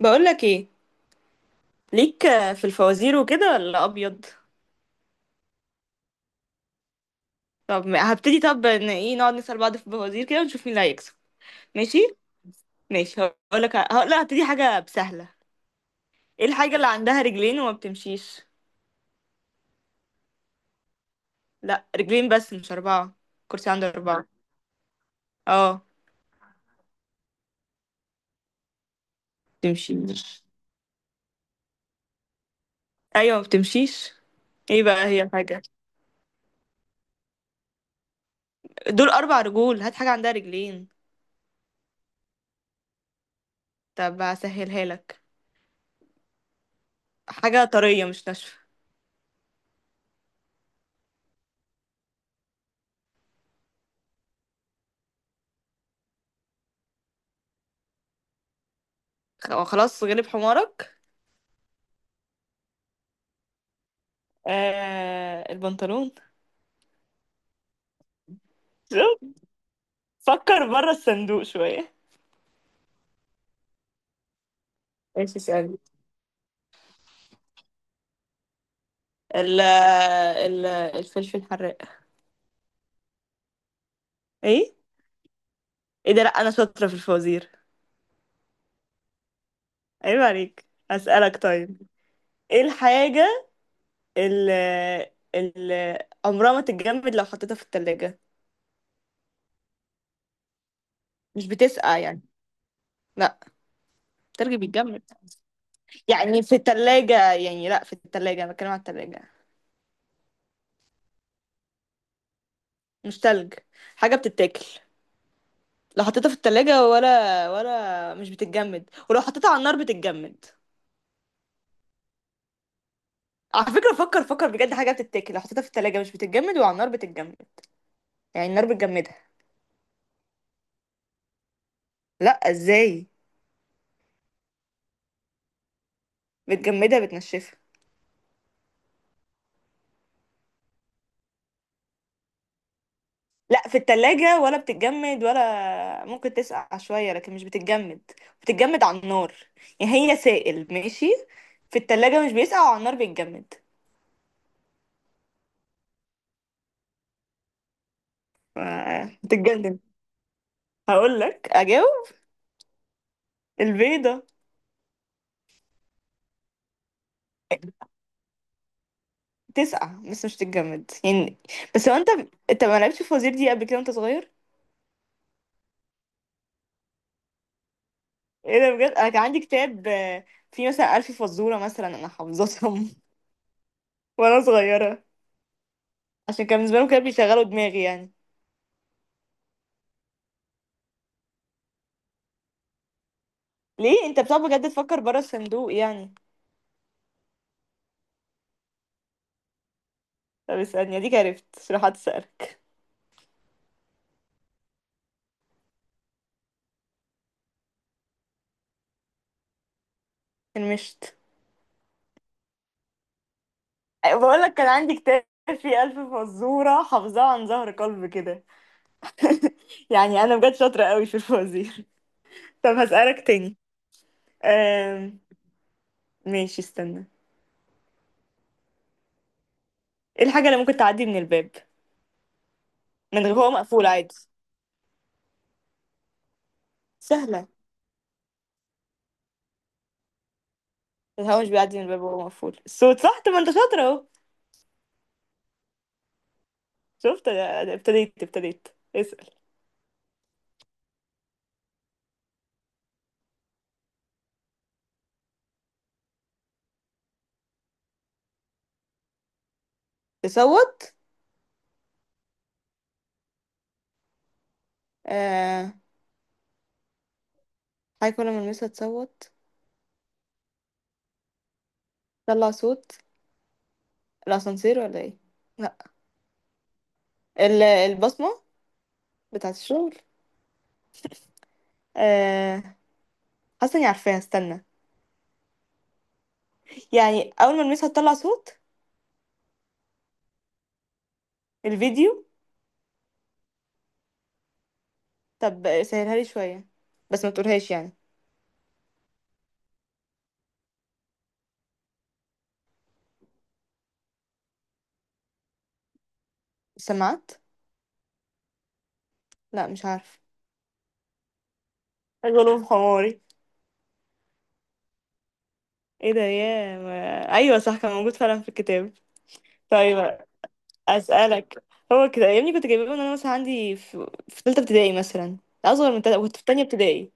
بقولك ايه؟ ليك في الفوازير وكده ولا ابيض؟ طب هبتدي. طب ان ايه، نقعد نسأل بعض في الفوازير كده ونشوف مين اللي هيكسب. ماشي، ماشي. هقول، لا، هبتدي حاجة سهلة. ايه الحاجة اللي عندها رجلين وما بتمشيش؟ لا، رجلين بس مش أربعة. الكرسي عنده أربعة. اه، بتمشي. ايوه، ما بتمشيش. ايه بقى هي الحاجة؟ دول 4 رجول، هات حاجة عندها رجلين. طب هسهلها لك. حاجة طرية مش ناشفة. خلاص، غلب حمارك. آه، البنطلون. فكر بره الصندوق شوية. ايش؟ اسألني. ال ال الفلفل الحراق. ايه؟ ايه ده؟ لا، انا شاطرة في الفوازير. عيب عليك. اسألك طيب. ايه الحاجة اللي اللي عمرها ما تتجمد لو حطيتها في التلاجة؟ مش بتسقع يعني. لا. التلج بيتجمد يعني في التلاجة، يعني لا، في التلاجة انا بتكلم على التلاجة، مش تلج. حاجة بتتاكل لو حطيتها في التلاجة ولا مش بتتجمد، ولو حطيتها على النار بتتجمد. على فكرة، فكر فكر بجد، حاجة بتتاكل لو حطيتها في التلاجة مش بتتجمد وعلى النار بتتجمد، يعني النار بتجمدها. لا، ازاي بتجمدها؟ بتنشفها. لا، في التلاجة ولا بتتجمد ولا ممكن تسقع شوية، لكن مش بتتجمد. بتتجمد على النار. يعني هي سائل ماشي، في التلاجة مش بيسقع وعلى النار بيتجمد. آه، بتتجمد. هقول لك، اجاوب. البيضة. تسقع بس مش تتجمد يعني. بس هو انت، انت ما لعبتش في وزير دي قبل كده وانت صغير؟ ايه ده بجد! انا كان عندي كتاب، فيه مثلا ألف فزورة مثلا، انا حافظتهم وانا صغيرة، عشان كان بالنسبة لهم كانوا بيشغلوا دماغي يعني. ليه انت بتقعد بجد تفكر بره الصندوق يعني؟ طب اسألني. اديك عرفت، شرحت، اسألك. المشت. بقول لك كان عندي كتاب فيه 1000 فزورة، حافظاها عن ظهر قلب كده يعني انا بجد شاطرة قوي في الفوازير. طب هسألك تاني. آم، ماشي، استنى. ايه الحاجة اللي ممكن تعدي من الباب من غير هو مقفول عادي؟ سهلة. الهوا مش بيعدي من الباب وهو مقفول. الصوت، صح؟ طب ما انت شاطر اهو. شفت؟ أنا ابتديت اسأل. تصوت. آه، حاجة كل ما المسها تصوت. طلع صوت. الأسانسير، ولا ايه؟ لا. البصمة بتاعة الشغل. آه، حاسة اني عارفاها، استنى. يعني أول ما المسها تطلع صوت. الفيديو. طب سهلها لي شوية، بس ما تقولهاش يعني. السماعات. لا، مش عارف. غلوب حماري. ايه ده يا ما... ايوه صح، كان موجود فعلا في الكتاب. طيب، اسالك. هو كده يا ابني، كنت جايباه وانا مثلا عندي في ثالثه ابتدائي مثلا، اصغر من تالتة كنت في تانية ابتدائي.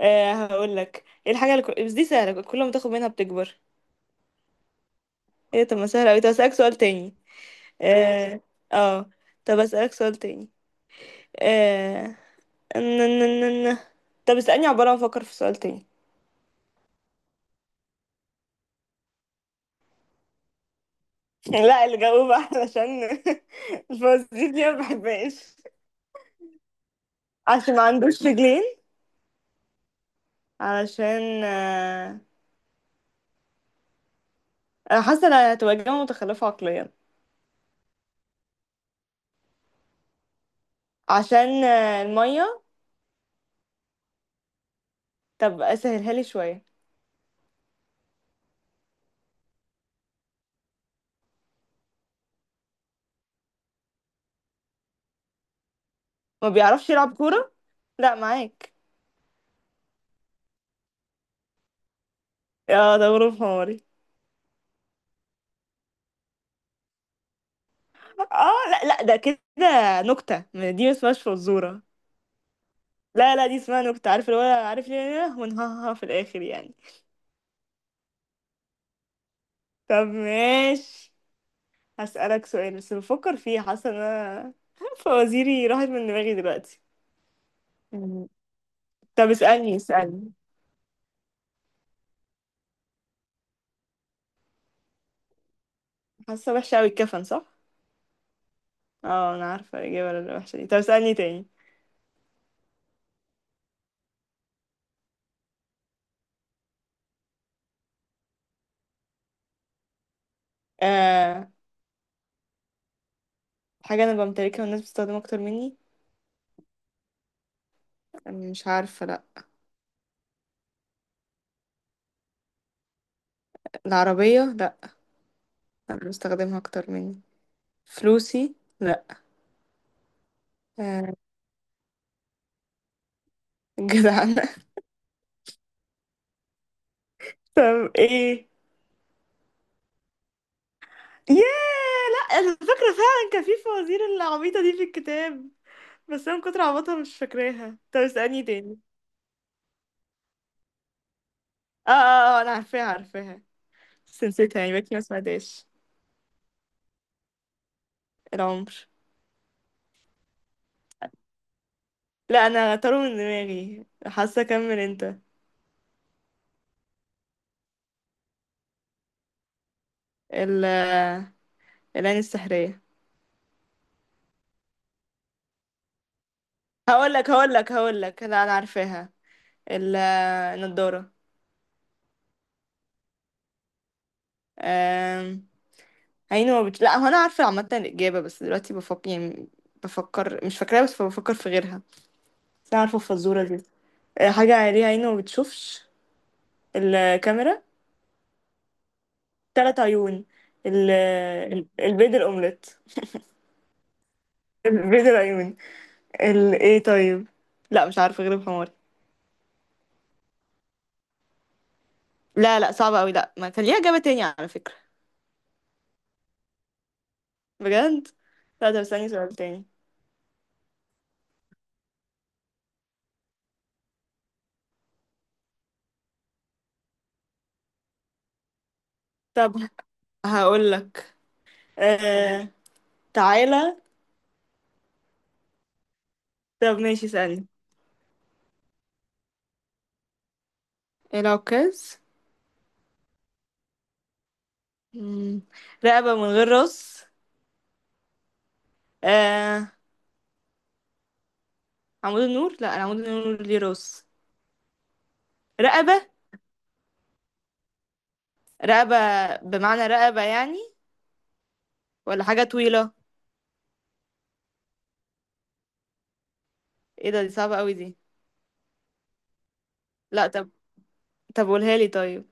أه، هقول لك. ايه الحاجه اللي بس دي سهله، كل ما تاخد منها بتكبر. ايه؟ طب ما سهله قوي. طب اسالك سؤال تاني. اه، اه. طب اسالك سؤال تاني. أه... ن- ن- ن- ن- طب اسالني عباره ما افكر في سؤال تاني. لا، اللي جاوب علشان الفوازير دي ما بحبهاش. عشان ما عندوش رجلين. علشان انا حاسه إن هتبقى اجابه متخلفه عقليا. عشان المية. طب اسهلها لي شوية. ما بيعرفش يلعب كورة. لا، معاك. اه، ده غروب حماري. اه، لا لا، ده كده نكتة. ما دي ما اسمهاش فزورة. لا لا، دي اسمها نكتة، عارف اللي هو عارف ليه ونهاها في الآخر يعني. طب ماشي. هسألك سؤال، بس بفكر فيه. حاسة ان انا فوازيري راحت من دماغي دلوقتي. مم. طب اسألني، اسألني. حاسة وحشة اوي، الكفن صح؟ اه، انا عارفة الإجابة الوحشة دي، طب اسألني تاني. آه، حاجة أنا بمتلكها والناس بتستخدمها أكتر مني. مش عارفة، لأ. العربية لأ. أنا بستخدمها أكتر مني. فلوسي لأ. آه، جدعانة طب إيه؟ ياه. لأ، أنا فاكرة فعلا كان في فوازير العبيطة دي في الكتاب، بس أنا من كتر عبطها مش فاكراها. طب اسألني تاني. اه اه اه، أنا عارفاها عارفاها، بس نسيتها يعني، بقيت ما سمعتهاش. العمر. لأ، أنا طاروا من دماغي. حاسة أكمل أنت. ال العين السحرية. هقول لك لا، انا عارفاها. ال- النضاره. أم، عيني ما بت... لا، هو انا عارفه عامه الاجابه، بس دلوقتي بفكر يعني، بفكر مش فاكراها، بس بفكر في غيرها، بس انا عارفه الفزوره دي. أه، حاجه ليها عيني ما بتشوفش. الكاميرا. 3 عيون. ال... البيض الاومليت. البيض العيون. ايه طيب، لا مش عارفه غير الحمار. لا لا، صعبه قوي، لا، ما كان ليها اجابه تانية على فكره. بجد. لا طب، استني سؤال تاني. طب هقول لك. آه، تعالى. طب ماشي، اسألني. العكاز. مم. رقبة من غير راس. آه، عمود النور. لا، العمود النور ليه راس. رقبة. رقبة، بمعنى رقبة يعني؟ ولا حاجة طويلة. ايه ده! دي صعبة قوي دي. لا طب. طب قولها لي طيب.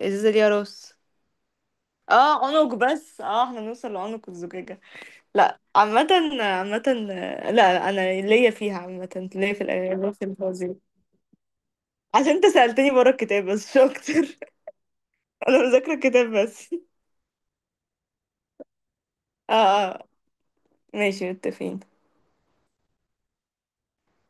ازازة ليها راس؟ اه، عنق بس، اه، احنا نوصل لعنق الزجاجة. لا عامة. عامة، لا لا، انا ليا فيها عامة، ليا في الأغاني في الفوازير. عشان انت سألتني بره الكتاب بس، مش اكتر. انا مذاكره الكتاب بس. اه اه. ماشي، متفقين.